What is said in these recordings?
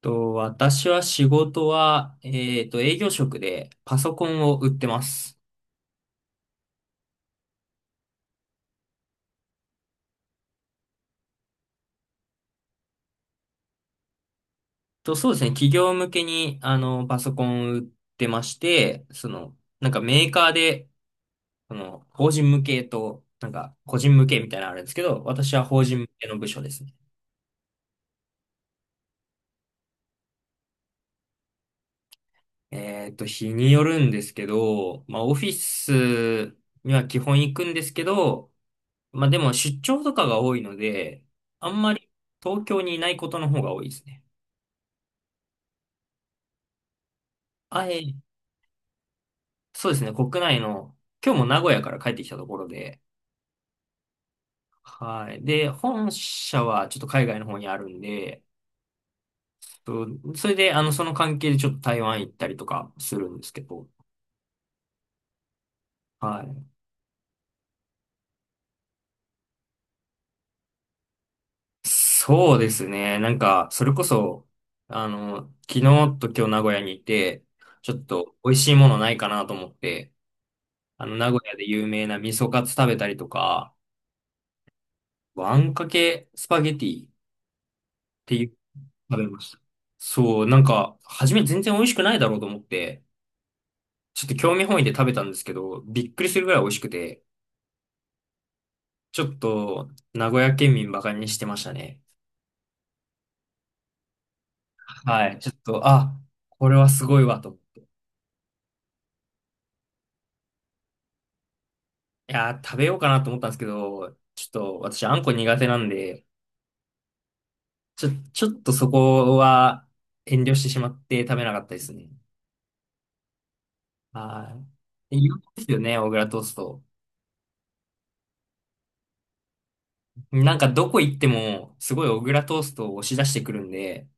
私は仕事は、営業職でパソコンを売ってます。そうですね、企業向けに、パソコンを売ってまして、その、なんかメーカーで、その、法人向けと、なんか、個人向けみたいなのあるんですけど、私は法人向けの部署ですね。日によるんですけど、まあ、オフィスには基本行くんですけど、まあ、でも出張とかが多いので、あんまり東京にいないことの方が多いですね。あえそうですね、国内の、今日も名古屋から帰ってきたところで、はい。で、本社はちょっと海外の方にあるんで、そうそれで、その関係でちょっと台湾行ったりとかするんですけど、はい。そうですね、なんか、それこそ、昨日と今日名古屋にいて、ちょっと美味しいものないかなと思って、名古屋で有名な味噌カツ食べたりとか、あんかけスパゲティっていう食べました。そう、なんか、初め全然美味しくないだろうと思って、ちょっと興味本位で食べたんですけど、びっくりするぐらい美味しくて、ちょっと、名古屋県民バカにしてましたね。はい、ちょっと、あ、これはすごいわと。いやー、食べようかなと思ったんですけど、ちょっと、私、あんこ苦手なんで、ちょっとそこは遠慮してしまって食べなかったですね。はい。有名ですよね、小倉トースト。なんか、どこ行っても、すごい小倉トーストを押し出してくるんで、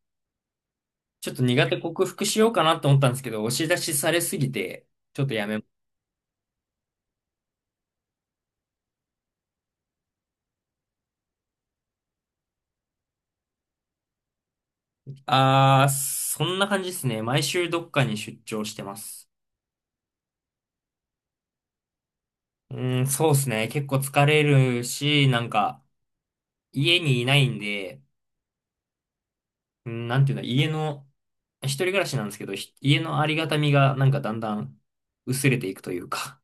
ちょっと苦手克服しようかなと思ったんですけど、押し出しされすぎて、ちょっとやめ、あー、そんな感じですね。毎週どっかに出張してます。うーん、そうですね。結構疲れるし、なんか、家にいないんで、うん、なんていうの、家の、一人暮らしなんですけど、家のありがたみがなんかだんだん薄れていくというか。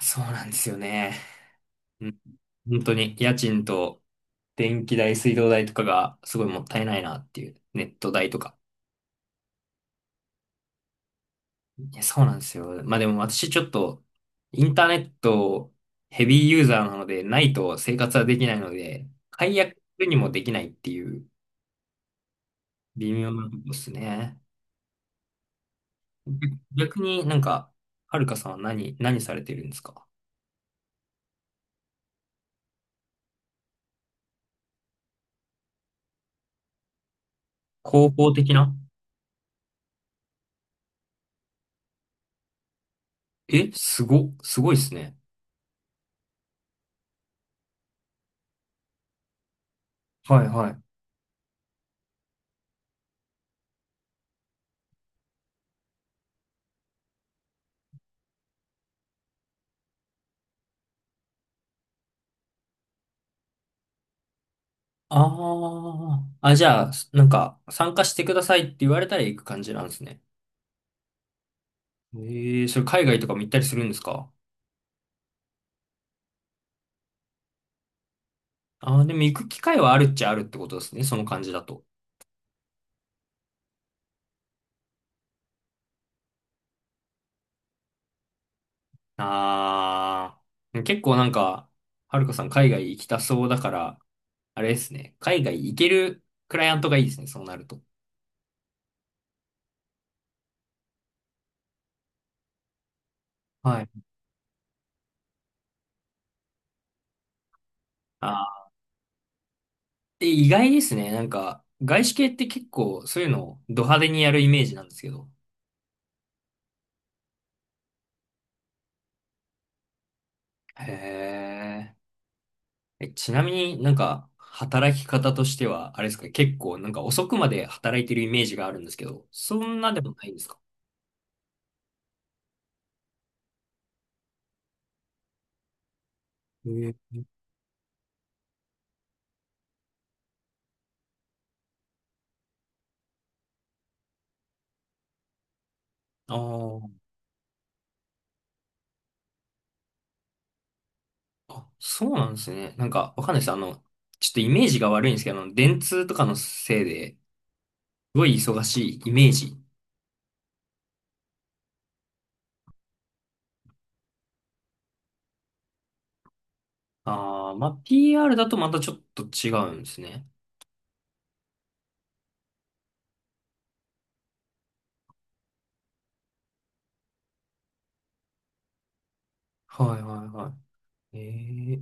そうなんですよね。うん、本当に家賃と電気代、水道代とかがすごいもったいないなっていう、ネット代とか。いや、そうなんですよ。まあでも私ちょっと、インターネットヘビーユーザーなので、ないと生活はできないので、解約にもできないっていう微妙なとこですね。逆になんか、はるかさんは何されてるんですか？広報的な。え、すごいですね。はいはい。ああ、あ、じゃあ、なんか、参加してくださいって言われたら行く感じなんですね。ええそれ海外とかも行ったりするんですか？ああ、でも行く機会はあるっちゃあるってことですね。その感じだと。ああ、結構なんか、はるかさん海外行きたそうだから、あれですね。海外行けるクライアントがいいですね。そうなると。はい。ああ、で、意外ですね。なんか、外資系って結構そういうのをド派手にやるイメージなんですけど。へえ。え、ちなみになんか、働き方としては、あれですか、結構なんか遅くまで働いてるイメージがあるんですけど、そんなでもないんですか？へえ。ああ。あ、そうなんですね。なんか、わかんないです。ちょっとイメージが悪いんですけど、あの電通とかのせいで、すごい忙しいイメージ。ああ、まあ、PR だとまたちょっと違うんですね。はいはいはい。え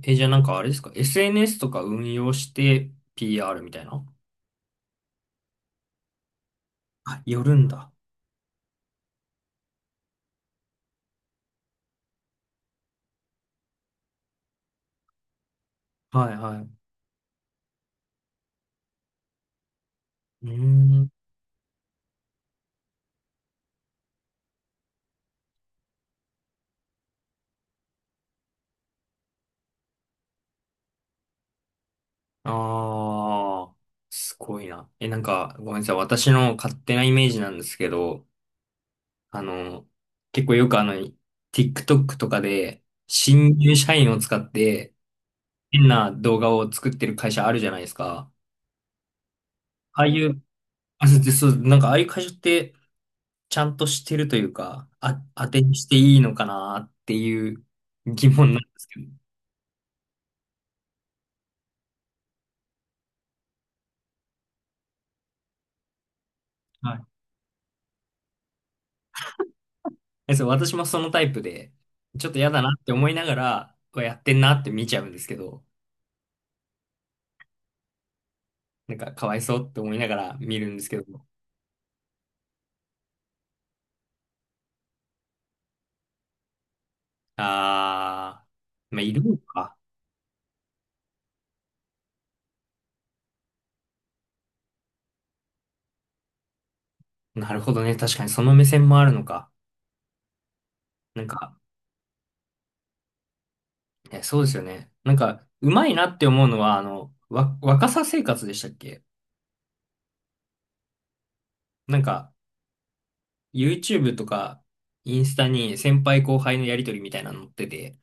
ー、え、じゃあなんかあれですか？ SNS とか運用して PR みたいな。あ、よるんだ。はいはい。うーん。ああ、すごいな。え、なんか、ごめんなさい。私の勝手なイメージなんですけど、あの、結構よくあの、TikTok とかで、新入社員を使って、変な動画を作ってる会社あるじゃないですか。ああいう、あ、でそう、なんかああいう会社って、ちゃんとしてるというか、あ、当てにしていいのかなっていう疑問なんですけど。はい。えそう、私もそのタイプで、ちょっと嫌だなって思いながら、うわやってんなって見ちゃうんですけど、なんかかわいそうって思いながら見るんですけど、あー、まあ、いるのか。なるほどね。確かにその目線もあるのか。なんか、え、そうですよね。なんか、うまいなって思うのは、若さ生活でしたっけ？なんか、YouTube とか、インスタに先輩後輩のやりとりみたいなの載ってて、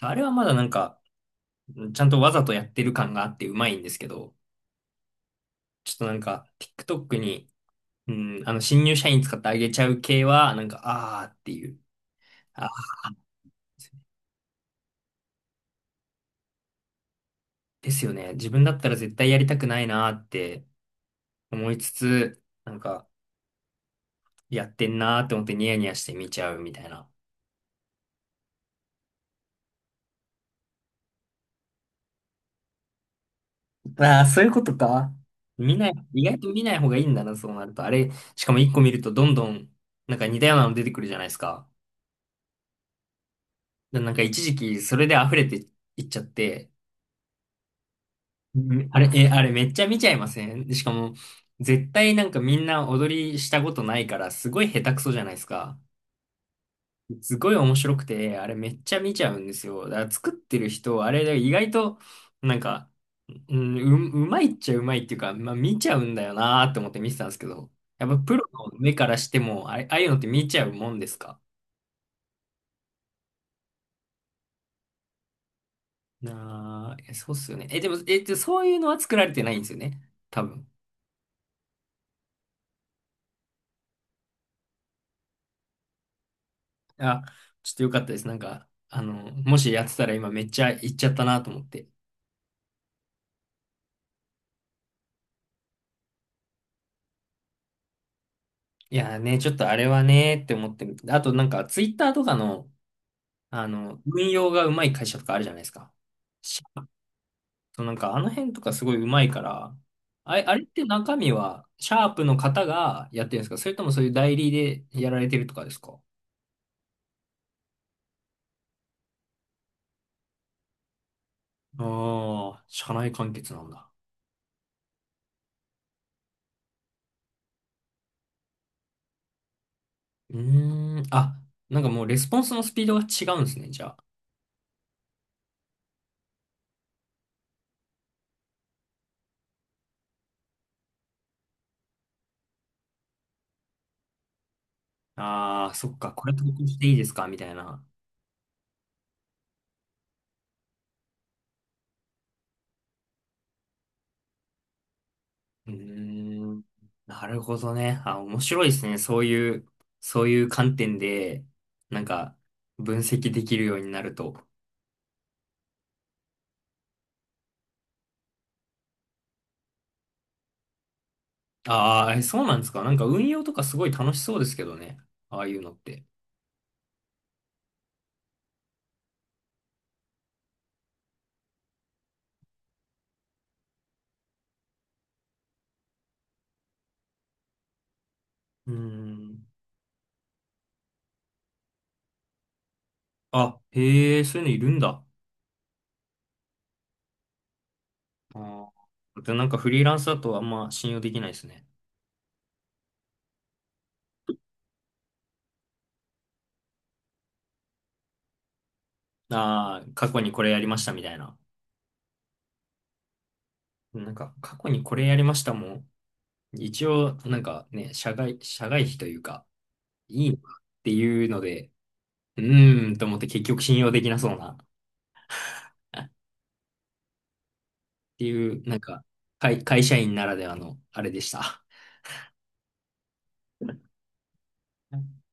あれはまだなんか、ちゃんとわざとやってる感があってうまいんですけど、ちょっとなんか、TikTok に、新入社員使ってあげちゃう系は、なんか、あーっていう。あー、ですよね。自分だったら絶対やりたくないなーって思いつつ、なんか、やってんなーって思ってニヤニヤして見ちゃうみたいな。ああ、そういうことか。見ない、意外と見ない方がいいんだな、そうなると。あれ、しかも一個見るとどんどん、なんか似たようなの出てくるじゃないですか。でなんか一時期それで溢れていっちゃって、うんあれ、え、あれめっちゃ見ちゃいませんで？しかも、絶対なんかみんな踊りしたことないから、すごい下手くそじゃないですか。すごい面白くて、あれめっちゃ見ちゃうんですよ。だから作ってる人、あれ意外と、なんかうん、うまいっちゃうまいっていうか、まあ見ちゃうんだよなーって思って見てたんですけど、やっぱプロの目からしても、あれ、ああいうのって見ちゃうもんですか？なあ、えそうっすよね。え、でも、え、でそういうのは作られてないんですよね。多分。あ、ちょっとよかったです。なんか、あの、もしやってたら今めっちゃ行っちゃったなと思って。いやーね、ちょっとあれはねーって思ってる。あとなんか、ツイッターとかの、運用がうまい会社とかあるじゃないですか。そうなんかあの辺とかすごい上手いから、あれって中身はシャープの方がやってるんですかそれともそういう代理でやられてるとかですか？ああー、社内完結なんだ。うーん、あ、なんかもうレスポンスのスピードが違うんですね、じゃあ。ああ、そっか、これ投稿していいですかみたいな。うーん、なるほどね。あ、面白いですね。そういう観点で、なんか分析できるようになると。ああ、えそうなんですか。なんか運用とかすごい楽しそうですけどね。ああいうのって。うーん。あ、へえ、そういうのいるんだ。ああ。で、なんかフリーランスだとあんま信用できないですね。ああ、過去にこれやりましたみたいな。なんか過去にこれやりましたもん。一応、なんかね、社外費というか、いいなっていうので、うーんと思って結局信用できなそうな、っていう、なんか、会社員ならではのあれでした。